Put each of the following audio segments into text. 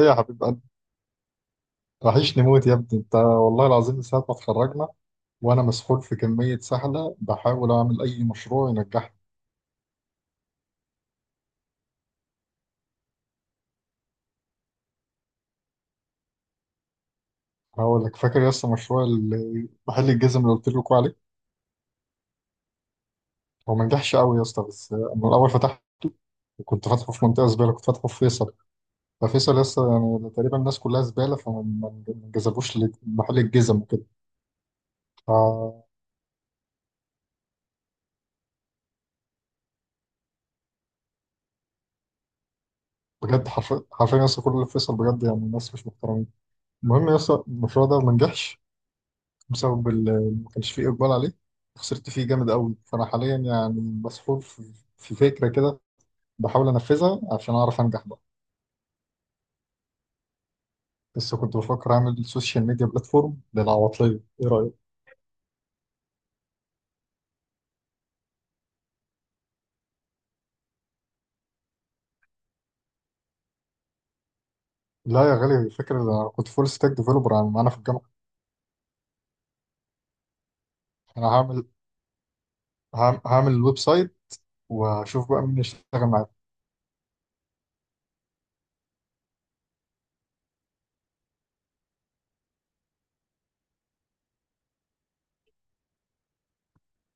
ايه يا حبيب قلبي، وحشني موت يا ابني انت والله العظيم من ساعة ما اتخرجنا. وانا مسحول في كمية سحلة بحاول اعمل اي مشروع ينجحني. هقول لك، فاكر يا اسطى مشروع محل الجزم اللي قلت لكم عليه؟ هو ما نجحش قوي يا اسطى، بس انا الاول فتحت، كنت فاتحه في منطقة زبالة، كنت فاتحه في فيصل. ففيصل يا اسطى يعني تقريبا الناس كلها زبالة، فما ما جذبوش محل الجزم وكده. ف- بجد حرفيا يا اسطى، كل اللي في فيصل بجد يعني الناس مش محترمين. المهم يا اسطى، المشروع ده ما نجحش بسبب ما كانش فيه اقبال عليه. خسرت فيه جامد قوي، فانا حاليا يعني مسحول في فكره كده، بحاول انفذها عشان اعرف انجح بقى. بس كنت بفكر اعمل سوشيال ميديا بلاتفورم للعواطليه، ايه رايك؟ لا يا غالي، الفكره ده انا كنت فول ستاك ديفلوبر انا في الجامعه. انا هعمل، هعمل الويب سايت واشوف بقى مين يشتغل معايا.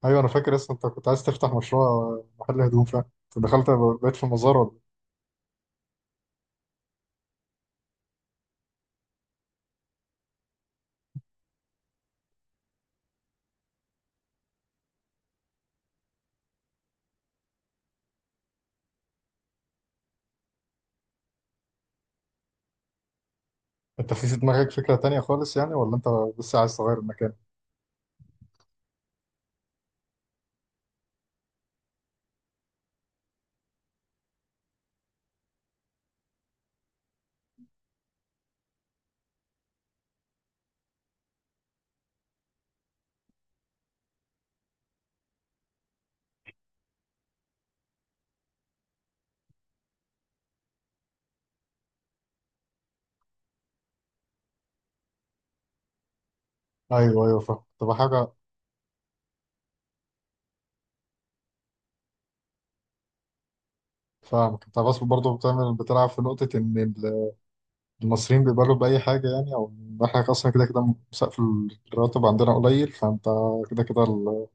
ايوه انا فاكر، اصلا انت كنت عايز تفتح مشروع محل هدوم، فاهم؟ أنت دخلت بقيت في مزار ولا إيه؟ انت في دماغك فكره تانيه خالص يعني، ولا انت بس عايز تغير المكان؟ ايوه ايوه فاهم، تبقى حاجه. فاهمك انت، بس برضه بتعمل بتلعب في نقطة ان المصريين بيقبلوا بأي حاجة، يعني او ان احنا اصلا كده كده سقف الراتب عندنا قليل، فانت كده كده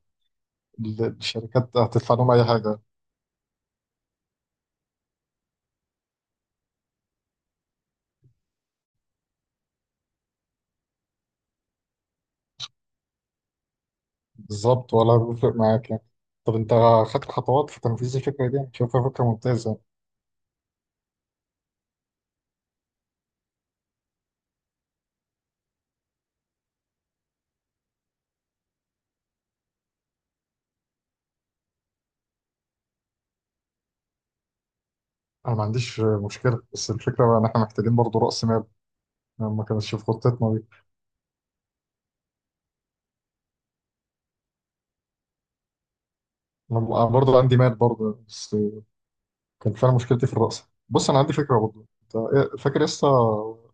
الشركات هتدفع لهم أي حاجة. بالظبط، ولا بيفرق معاك يعني؟ طب انت خدت خطوات في تنفيذ الفكرة دي؟ شايفها فكرة ممتازة يعني. انا ما عنديش مشكلة، بس الفكرة بقى ان احنا محتاجين برضه رأس مال، انا ما كانتش في خطتنا دي. انا برضه عندي مال برضه، بس كان فعلا مشكلتي في الرأس. بص انا عندي فكرة برضه، انت فاكر لسه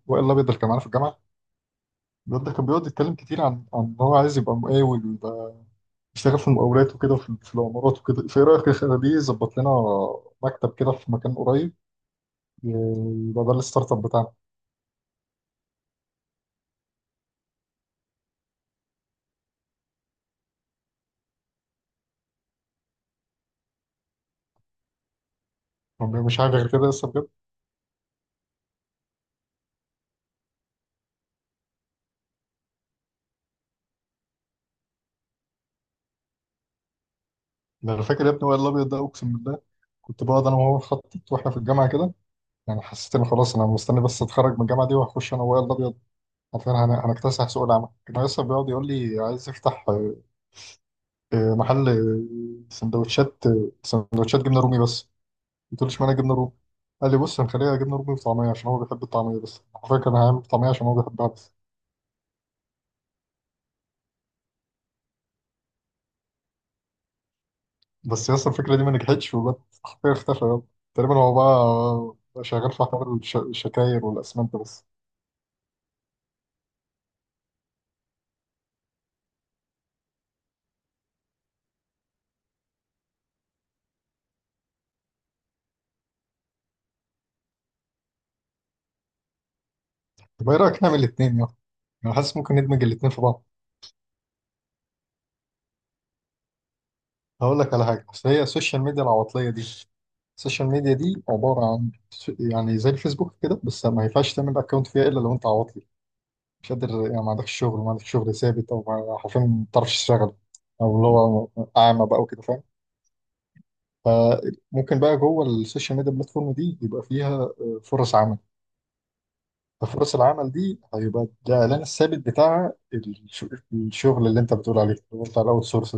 وائل الابيض اللي كان معانا في الجامعة؟ الواد ده كان بيقعد يتكلم كتير عن ان هو عايز يبقى مقاول، ويبقى بيشتغل في المقاولات وكده، وفي العمارات وكده. فايه رايك نخليه يظبط لنا مكتب كده في مكان قريب؟ يبقى ده الستارت اب بتاعنا. هو مش حاجه غير كده لسه، بجد؟ ده انا فاكر يا ابني وائل الابيض ده، اقسم بالله كنت بقعد انا وهو نخطط واحنا في الجامعه كده. يعني حسيت ان خلاص انا مستني بس اتخرج من الجامعه دي، وهخش انا وائل الابيض عشان هنكتسح سوق العمل. كان لسه بيقعد يقول لي عايز يفتح محل سندوتشات، سندوتشات جبنه رومي بس. قلت له اشمعنى جبنه رومي؟ قال لي بص هنخليها جبنه رومي وطعميه، عشان هو بيحب الطعميه، بس حرفيا كان هيعمل طعميه عشان هو بيحبها بس. بس يا اسطى الفكره دي ما نجحتش، وبقت حرفيا اختفى يلا. تقريبا هو بقى شغال في حوار الشكاير والاسمنت بس. طب ايه رايك نعمل الاثنين يلا؟ انا حاسس ممكن ندمج الاثنين في بعض. هقول لك على حاجه، بس هي السوشيال ميديا العواطليه دي، السوشيال ميديا دي عباره عن يعني زي الفيسبوك كده، بس ما ينفعش تعمل اكونت فيها الا لو انت عواطلي، مش قادر يعني، ما عندكش شغل، ما عندكش شغل ثابت، او حرفيا ما بتعرفش تشتغل، او اللي هو اعمى بقى وكده، فاهم؟ فممكن بقى جوه السوشيال ميديا بلاتفورم دي يبقى فيها فرص عمل. ففرص العمل دي هيبقى الاعلان الثابت بتاع الشغل اللي انت بتقول عليه، اللي هو بتاع الاوت سورس.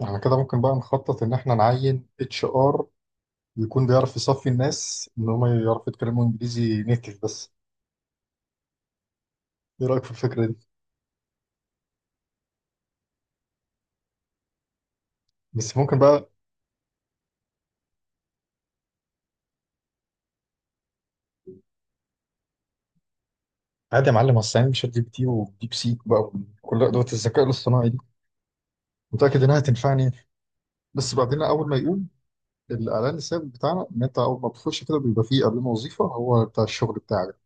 على كده ممكن بقى نخطط ان احنا نعين اتش ار، يكون بيعرف يصفي الناس ان هم يعرفوا يتكلموا انجليزي نيتف بس. ايه رايك في الفكره دي؟ بس ممكن بقى عادي يا معلم، اصل يعني شات جي بي تي وديب سيك بقى، وكل ادوات الذكاء الاصطناعي دي متاكد انها هتنفعني. بس بعدين اول ما يقول الاعلان الثابت بتاعنا ان انت اول ما بتخش كده بيبقى فيه قبلنا وظيفه هو بتاع الشغل بتاعك.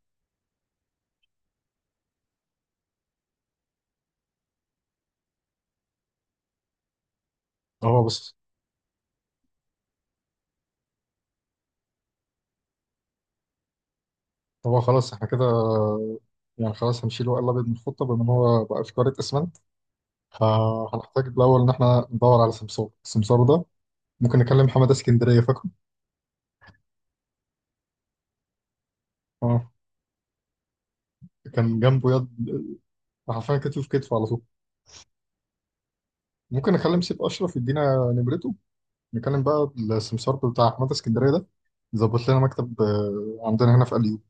هو بس، هو خلاص احنا كده، يعني خلاص هنشيل ورق الابيض من الخطه، بما ان هو بقى في قاره اسمنت. هنحتاج الاول ان احنا ندور على سمسار. السمسار ده ممكن نكلم حماده اسكندريه، فاكره؟ اه، كان جنبه يد، حرفيا كتف في كتفه على طول. ممكن اكلم سيف اشرف يدينا نمرته، نتكلم بقى السمسار بتاع احمد اسكندريه ده، ظبط لنا مكتب عندنا هنا في اليوم.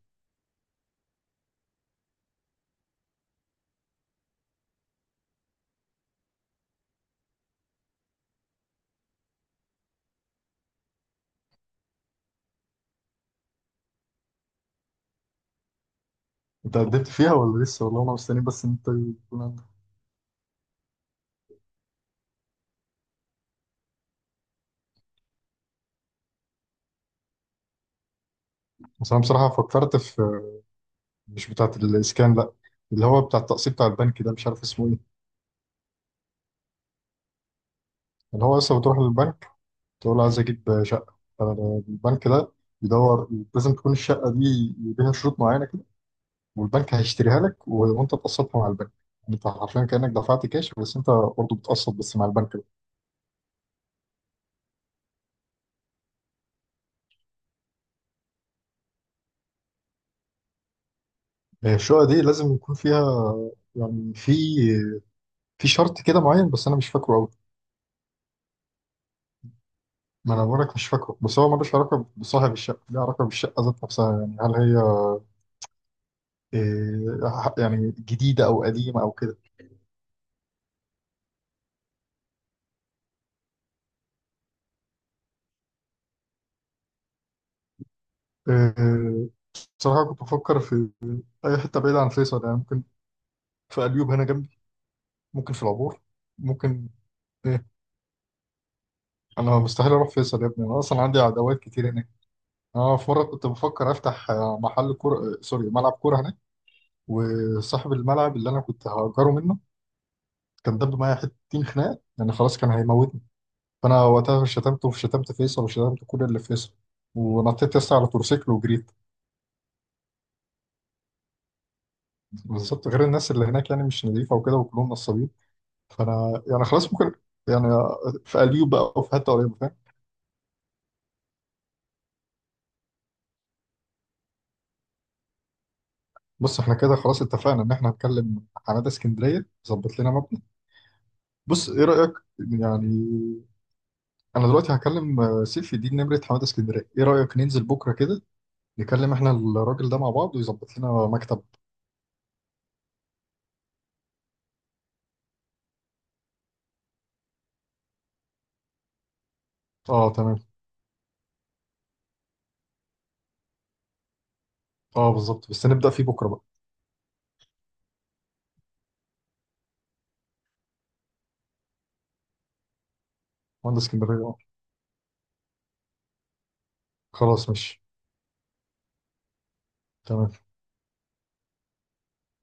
انت قدمت فيها ولا لسه؟ والله انا مستني بس انت يكون عندك. بس انا بصراحه فكرت في مش بتاعه الاسكان لا، اللي هو بتاع التقسيط بتاع البنك ده، مش عارف اسمه ايه. اللي هو لسه بتروح للبنك تقول عايز اجيب شقه، فالبنك ده بيدور، لازم تكون الشقه دي ليها شروط معينه كده، والبنك هيشتريها لك وانت تقسطها مع البنك. يعني انت حرفيا كانك دفعت كاش، بس انت برضه بتقسط بس مع البنك. هي الشقة دي لازم يكون فيها، يعني في، في شرط كده معين، بس أنا مش فاكره أوي. ما أنا بقولك مش فاكره. بس هو ملوش علاقة بصاحب الشقة، ليه علاقة بالشقة ذات نفسها، يعني هل هي إيه يعني، جديدة أو قديمة أو كده. إيه، بصراحة كنت بفكر في أي حتة بعيدة عن فيصل. يعني ممكن في أليوب هنا جنبي، ممكن في العبور، ممكن إيه. أنا مستحيل أروح فيصل يا ابني، أنا أصلا عندي عداوات كتير هناك. أنا في مرة كنت بفكر أفتح محل كورة، سوري ملعب كورة، وصاحب الملعب اللي انا كنت هأجره منه كان دب معايا حتتين خناق، يعني خلاص كان هيموتني. فانا وقتها شتمته وشتمت فيصل وشتمت كل اللي في فيصل، ونطيت لسه على تورسيكل وجريت. بالظبط، غير الناس اللي هناك يعني مش نظيفه وكده، وكلهم نصابين. فانا يعني خلاص ممكن يعني في قليوب بقى وفي حته قريبه، فاهم؟ بص احنا كده خلاص اتفقنا ان احنا هنكلم حماده اسكندريه ظبط لنا مبنى. بص ايه رايك يعني، انا دلوقتي هكلم سيفي دي نمره حماده اسكندريه، ايه رايك ننزل بكره كده نكلم احنا الراجل ده مع بعض ويظبط لنا مكتب؟ اه تمام. اه بالظبط، بس نبدأ فيه بكره بقى. مهندس اسكندريه اه. خلاص ماشي. تمام.